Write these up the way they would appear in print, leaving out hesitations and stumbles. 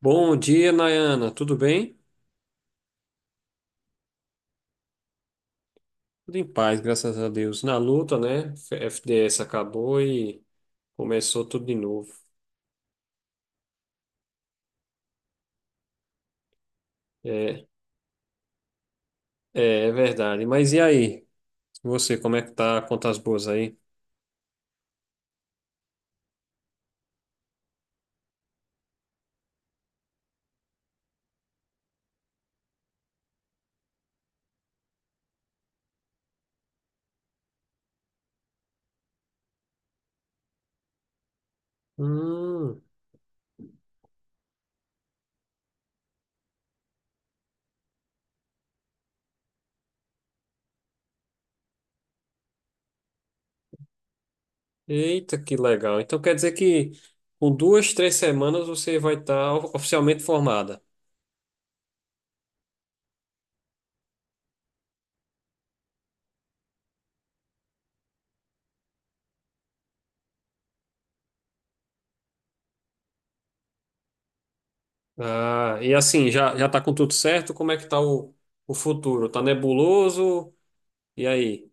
Bom dia, Nayana. Tudo bem? Tudo em paz, graças a Deus. Na luta, né? FDS acabou e começou tudo de novo. É, é verdade. Mas e aí? Você, como é que tá? Contas boas aí? Hum, eita, que legal. Então quer dizer que com duas, três semanas você vai estar oficialmente formada. Ah, e assim, já tá com tudo certo? Como é que tá o futuro? Tá nebuloso? E aí?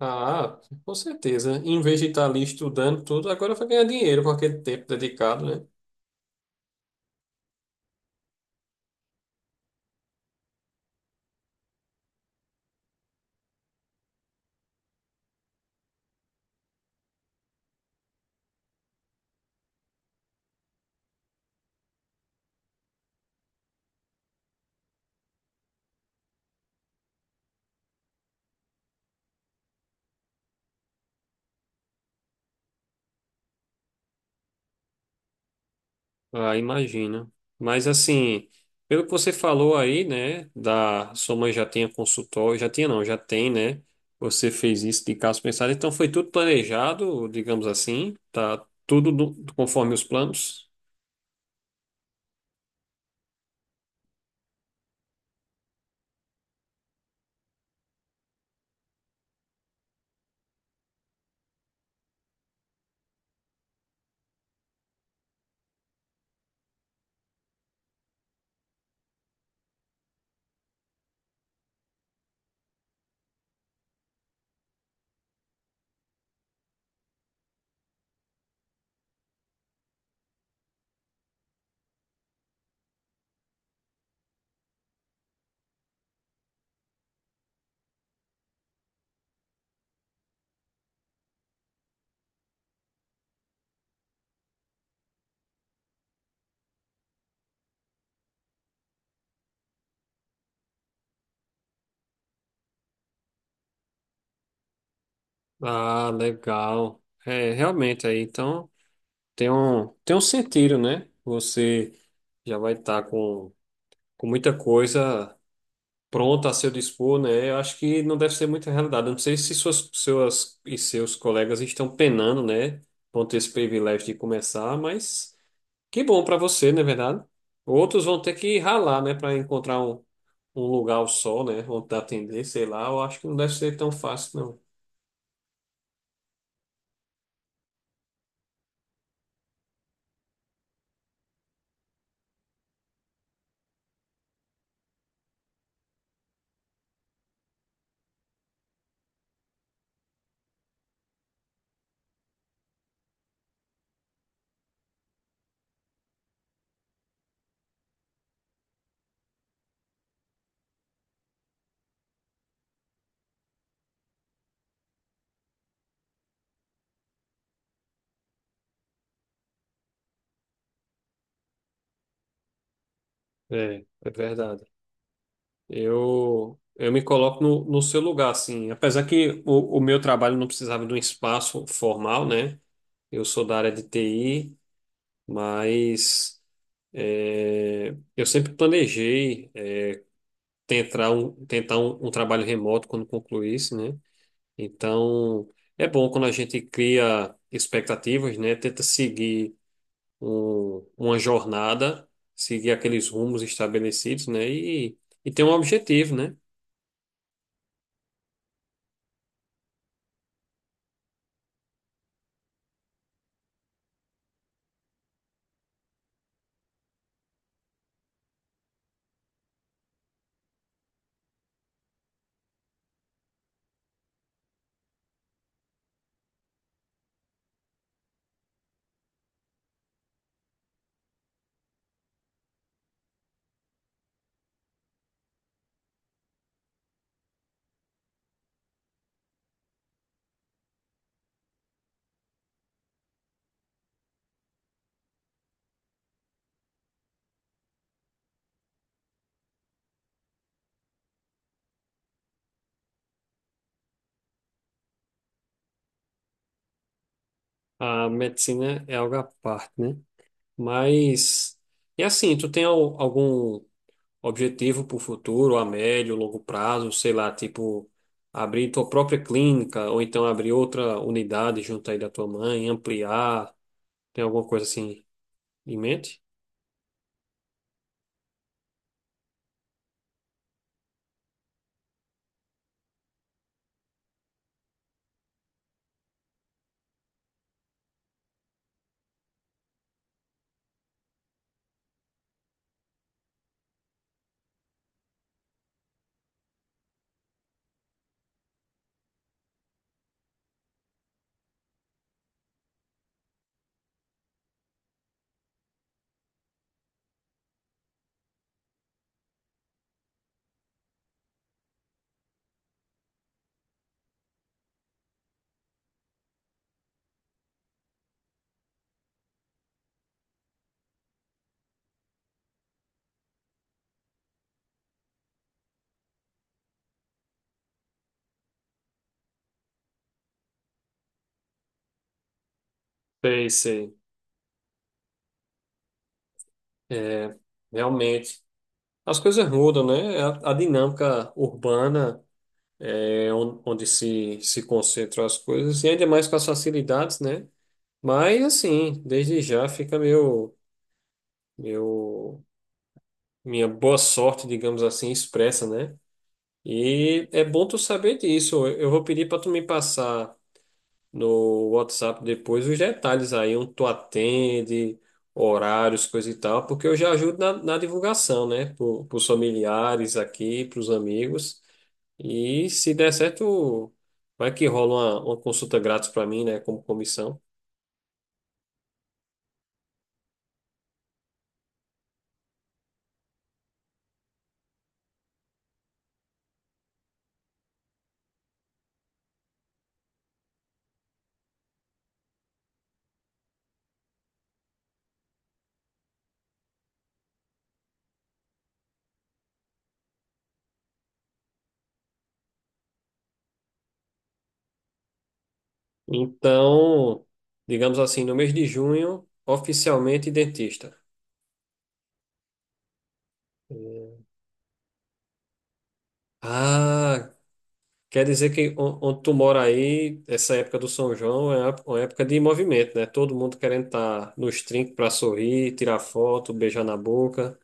Ah, com certeza. Em vez de estar ali estudando tudo, agora vai ganhar dinheiro com aquele tempo dedicado, né? Ah, imagino. Mas assim, pelo que você falou aí, né, da sua mãe já tinha consultório, já tinha não, já tem, né? Você fez isso de caso pensado, então foi tudo planejado, digamos assim, tá tudo conforme os planos. Ah, legal. É, realmente aí, então tem um sentido, né? Você já vai estar com muita coisa pronta a seu dispor, né? Eu acho que não deve ser muita realidade. Eu não sei se suas e seus colegas estão penando, né? Vão ter esse privilégio de começar, mas que bom para você, não é verdade? Outros vão ter que ralar, né? Para encontrar um lugar ao sol, né? Vão te atender, sei lá. Eu acho que não deve ser tão fácil, não. É, é verdade. Eu me coloco no seu lugar, assim. Apesar que o meu trabalho não precisava de um espaço formal, né? Eu sou da área de TI. Mas é, eu sempre planejei tentar um trabalho remoto quando concluísse, né? Então, é bom quando a gente cria expectativas, né? Tenta seguir uma jornada, seguir aqueles rumos estabelecidos, né? E ter um objetivo, né? A medicina é algo à parte, né? Mas, e assim, tu tem algum objetivo para o futuro, a médio, longo prazo, sei lá, tipo, abrir tua própria clínica, ou então abrir outra unidade junto aí da tua mãe, ampliar, tem alguma coisa assim em mente? Sei, sei. É, realmente. As coisas mudam, né? A dinâmica urbana é onde se concentram as coisas, e ainda mais com as facilidades, né? Mas, assim, desde já fica meu, minha boa sorte, digamos assim, expressa, né? E é bom tu saber disso. Eu vou pedir para tu me passar no WhatsApp depois os detalhes aí, onde tu atende, horários, coisa e tal, porque eu já ajudo na divulgação, né? Para os familiares aqui, para os amigos. E se der certo, vai que rola uma consulta grátis para mim, né? Como comissão. Então, digamos assim, no mês de junho, oficialmente dentista. É. Ah, quer dizer que onde tu mora aí, essa época do São João é uma época de movimento, né? Todo mundo querendo estar nos trinques para sorrir, tirar foto, beijar na boca.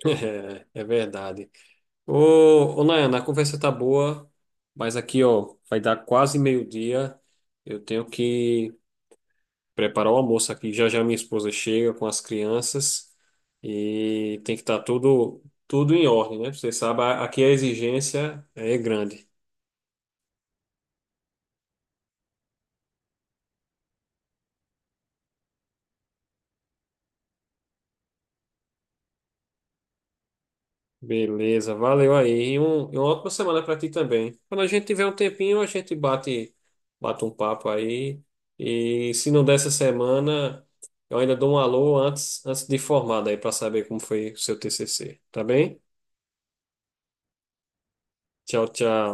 É, é verdade. Ô, ô Nayana, a conversa tá boa, mas aqui, ó, vai dar quase meio-dia. Eu tenho que preparar o almoço aqui. Já já minha esposa chega com as crianças e tem que estar tudo em ordem, né? Você sabe, aqui a exigência é grande. Beleza, valeu aí. E, um, e uma ótima semana para ti também. Quando a gente tiver um tempinho, a gente bate um papo aí. E se não der essa semana, eu ainda dou um alô antes de formado aí para saber como foi o seu TCC. Tá bem? Tchau, tchau.